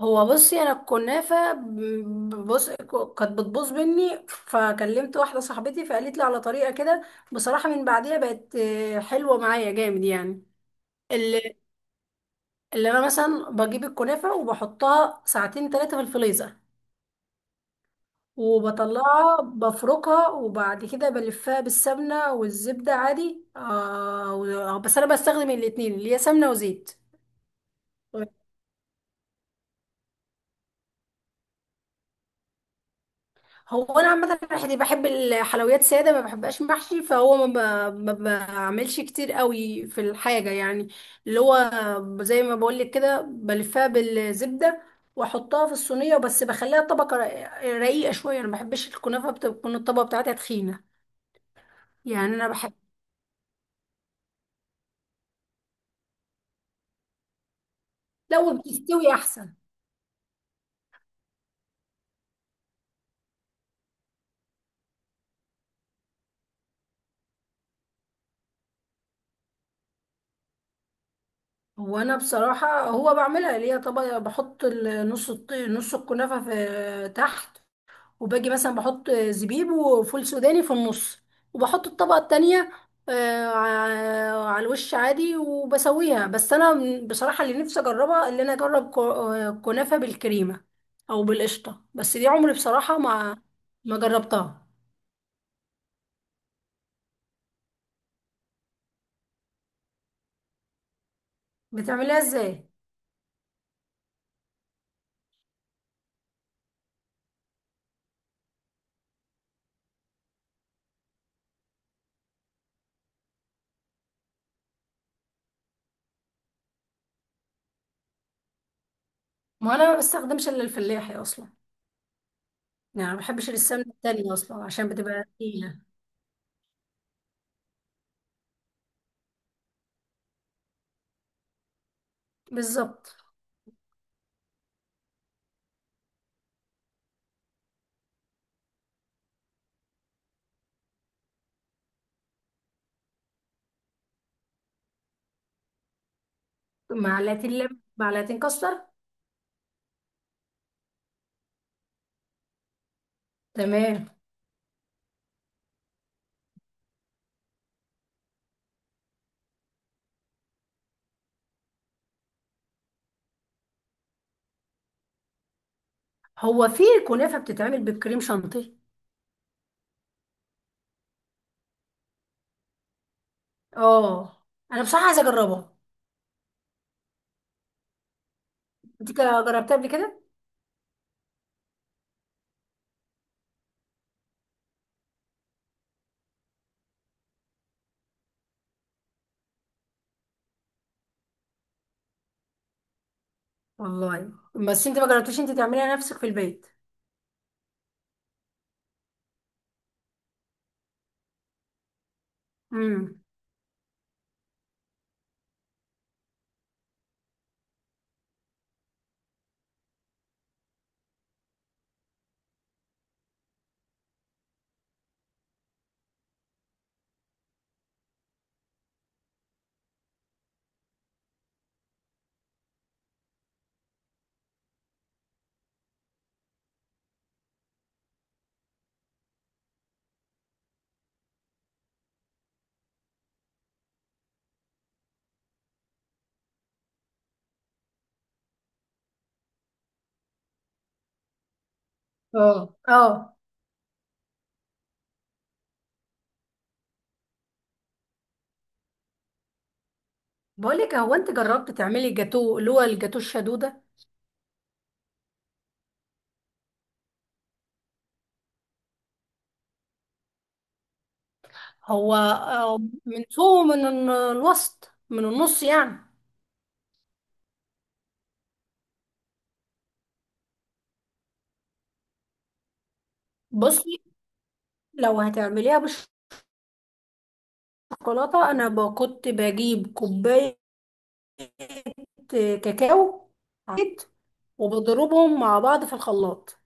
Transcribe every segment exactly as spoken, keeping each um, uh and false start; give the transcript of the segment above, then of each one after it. هو بصي، انا الكنافه ب- بص كانت بتبوظ مني، فكلمت واحده صاحبتي فقالت لي على طريقه كده. بصراحه من بعديها بقت آه، حلوه معايا جامد يعني. اللي, اللي انا مثلا بجيب الكنافه وبحطها ساعتين ثلاثه في الفريزر، وبطلعها بفركها، وبعد كده بلفها بالسمنه والزبده عادي. آه و- بس انا بستخدم الاتنين، اللي هي سمنه وزيت. هو انا عامه بحب بحب الحلويات ساده، ما بحبهاش محشي، فهو ما, ب... ما بعملش كتير قوي في الحاجه يعني. اللي هو زي ما بقول لك كده، بلفها بالزبده، واحطها في الصينيه، بس بخليها طبقه رق- رقيقه شويه. انا ما بحبش الكنافه بتكون الطبقه بتاعتها تخينه. يعني انا بحب لو بتستوي احسن. هو انا بصراحه، هو بعملها اللي هي طبقه، بحط ال- نص الط- نص الكنافه في تحت، وباجي مثلا بحط زبيب وفول سوداني في النص، وبحط الطبقة التانية آه، ع- على الوش عادي، وبسويها. بس انا من- بصراحة اللي نفسي اجربها، اللي انا اجرب ك- آه، كنافة بالكريمة او بالقشطة، بس دي عمري بصراحة ما ما جربتها. بتعملها ازاي؟ ما انا ما بستخدمش الا الفلاحي اصلا. يعني ما بحبش السمنة التانية اصلا، عشان بتبقى تقيلة. بالظبط. معلقتين لبن معلقتين كاستر؟ تمام. هو في كنافة بتتعمل بالكريم شانتيه؟ اه، انا بصراحه عايزه اجربها. انت كده جربتها قبل كده؟ والله، بس انت ما جربتيش انت تعمليها نفسك في البيت؟ امم. اه، اه. بقول لك، هو انت جربت تعملي الجاتو، اللي هو الجاتو الشدوده؟ هو، آه، من فوق، من ال- الوسط، من النص يعني. بصي، لو هتعمليها بالشوكولاته، انا ب- كنت بجيب كوبايه آه، كاكاو عيت، وبضربهم مع بعض في الخلاط.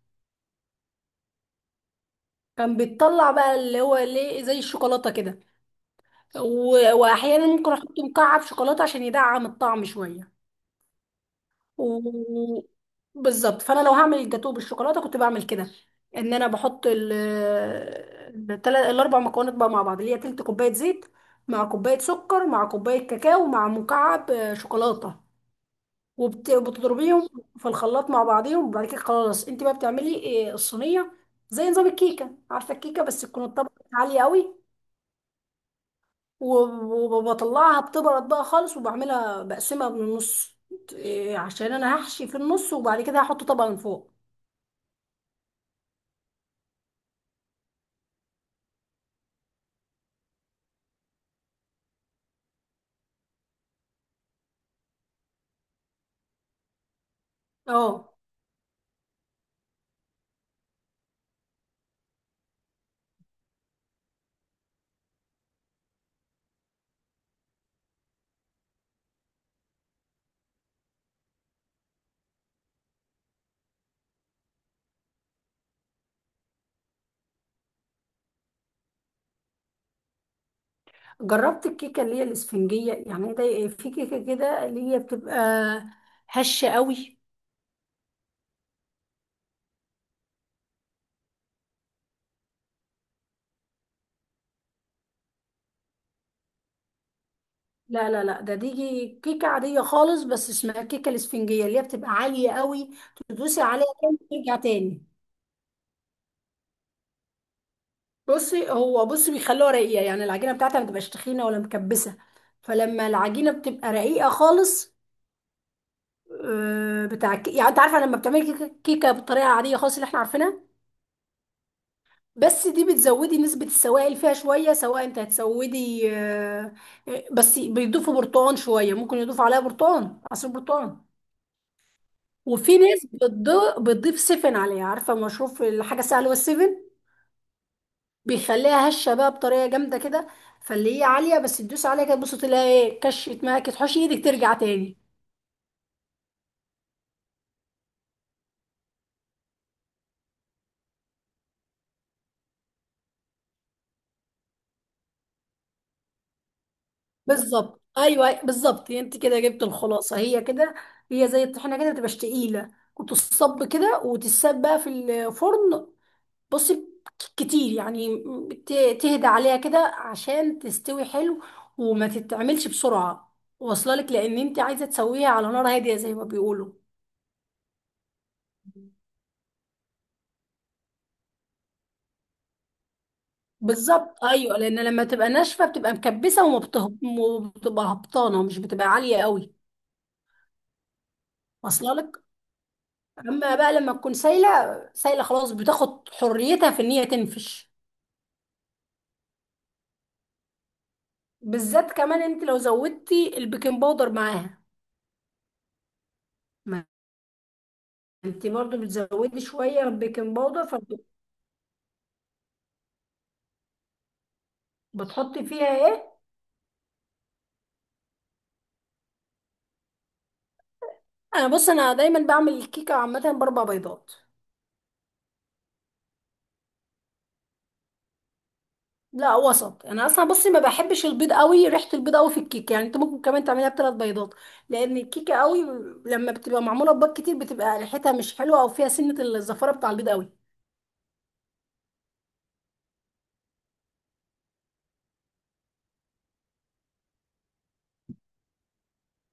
كان بيطلع بقى اللي هو ليه زي الشوكولاته كده، و- واحيانا ممكن احط مكعب شوكولاته عشان يدعم الطعم شويه. و... بالظبط. فانا لو هعمل الجاتوه بالشوكولاته كنت بعمل كده، ان انا بحط ال التلا- الاربع مكونات بقى مع بعض، اللي هي تلت كوبايه زيت، مع كوبايه سكر، مع كوبايه كاكاو، مع مكعب آه، شوكولاته. وبتضربيهم في الخلاط مع بعضهم، وبعد كده خلاص، انت بقى بتعملي آه، الصينيه زي نظام الكيكه، عارفه الكيكه، بس تكون الطبقه عاليه قوي. و- وبطلعها بتبرد بقى خالص، وبعملها بقسمها من النص إيه، عشان انا هحشي في النص، وبعد كده هحط طبقة من فوق. اه. جربت الكيكة اللي هي الاسفنجية، يعني ده إيه؟ في كيكة كده اللي هي بتبقى هشة قوي. لا، لا، لا، ده دي كيكة عادية خالص، بس اسمها الكيكة الاسفنجية اللي هي بتبقى عالية قوي. تدوسي عليها كده ترجع تاني. بصي، هو بصي بيخلوها رقيقة، يعني العجينة بتاعتها ما بتبقاش تخينة ولا مكبسة. فلما العجينة بتبقى رقيقة خالص، آه، بتاع الك- يعني انت عارفه، لما بتعملي كيكه كيكة بالطريقه العاديه خالص اللي احنا عارفينها، بس دي بتزودي نسبه السوائل فيها شويه، سواء انت هتسودي، آه، آه، بس بيضيفوا برتقال شويه، ممكن يضيفوا عليها برتقال، عصير برتقال. وفي ناس بتض- بتضيف سفن عليها، عارفه مشروب الحاجه السهله والسفن. بيخليها هشه بقى بطريقه جامده كده. فاللي هي عاليه، بس تدوس عليها كده بص، تلاقي ايه؟ كشت معاكي، تحوشي ايدك ترجع تاني. بالظبط، ايوه بالظبط، انت كده جبت الخلاصه، هي كده. هي زي الطحينه كده، بتبقاش تقيله، وتصب كده وتتساب بقى في الفرن. بصي، كتير يعني، ت- تهدى عليها كده عشان تستوي حلو، وما تتعملش بسرعه. واصله لك؟ لان انت عايزه تسويها على نار هاديه زي ما بيقولوا. بالظبط ايوه، لان لما تبقى ناشفه بتبقى مكبسه، وما بته- وبتبقى هبطانه، مش بتبقى عاليه قوي. واصله لك. اما بقى لما تكون سايله، سايله خلاص، بتاخد حريتها في ان هي تنفش. بالذات كمان انت لو زودتي البيكنج باودر معاها. ما انت برضو بتزودي شويه البيكنج باودر. فبتحطي فيها ايه؟ انا بص، انا دايما بعمل الكيكه عامه باربع بيضات. لا، وسط. انا اصلا بصي ما بحبش البيض قوي، ريحه البيض قوي في الكيكه. يعني انت ممكن كمان تعمليها بثلاث بيضات، لان الكيكه قوي لما بتبقى معموله ببيض كتير بتبقى ريحتها مش حلوه، او فيها سنه الزفاره بتاع البيض قوي.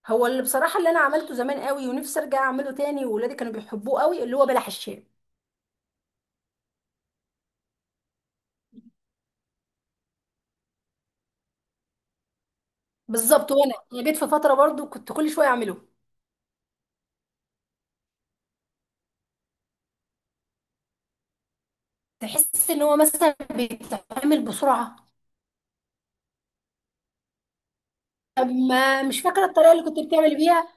هو اللي بصراحة اللي أنا عملته زمان قوي، ونفسي أرجع أعمله تاني، وولادي كانوا بيحبوه قوي، اللي هو بلح الشام. بالظبط. وأنا أنا جيت في فترة برضو كنت كل شوية أعمله. تحس إن هو مثلا بيتعمل بسرعة. طب ما مش فاكرة الطريقة اللي كنت بتعمل بيها؟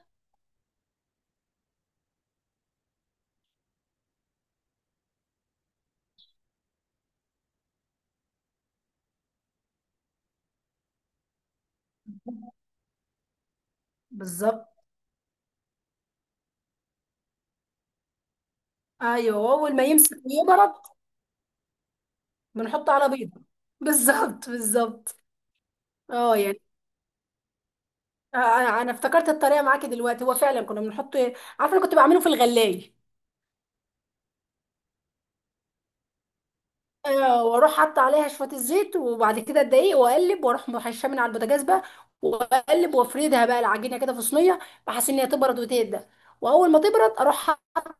بالظبط. أيوه، أول ما يمسك ويبرد. بنحطه على بيضة. بالظبط، بالظبط. أه يعني، آه، أنا أنا افتكرت الطريقة معاكي دلوقتي، هو فعلا كنا بنحط. عارفة، أنا كنت بعمله في الغلاية. آه، واروح حاطه عليها شويه الزيت، وبعد كده الدقيق، واقلب، واروح محشاه من على البوتاجاز بقى، واقلب، وافردها بقى العجينه كده في صينيه، بحيث ان هي تبرد وتهدى، واول ما تبرد، اروح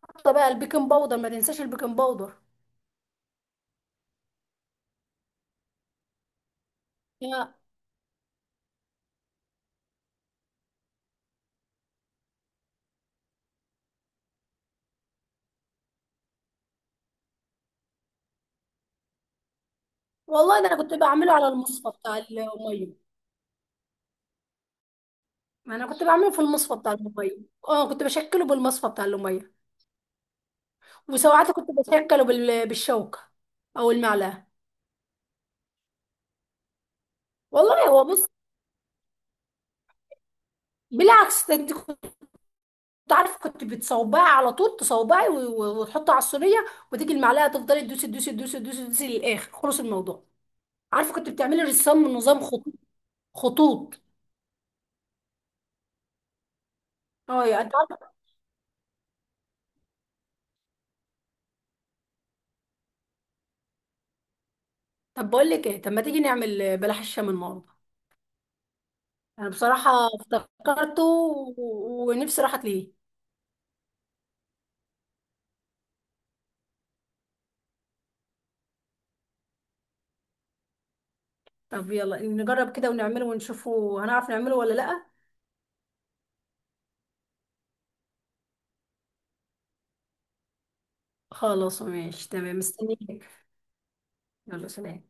حاطه بقى البيكنج باودر. ما تنساش البيكنج باودر. يا والله ده انا كنت بعمله على المصفى بتاع الميه. انا كنت بعمله في المصفى بتاع الميه. اه، كنت بشكله بالمصفى بتاع الميه. وساعات كنت بشكله بال- بالشوكه او المعلقه. والله هو بص، بالعكس ده، انت تعرف، كنت بتصوبها على طول تصوبعي، و- و- وتحطي على الصينيه، وتيجي المعلقه تفضلي تدوسي تدوسي تدوسي تدوسي تدوسي للاخر، خلص الموضوع. عارفه، كنت بتعملي رسام من نظام خطوط، خطوط. اه، يا انت عارفه. طب بقول لك ايه؟ طب ما تيجي نعمل بلح الشام النهارده؟ انا بصراحه افتكرته، و- ونفسي راحت ليه. طب يلا نجرب كده ونعمله ونشوفه، هنعرف نعمله ولا لا؟ خلاص ماشي، تمام، مستنيك. يلا سلام.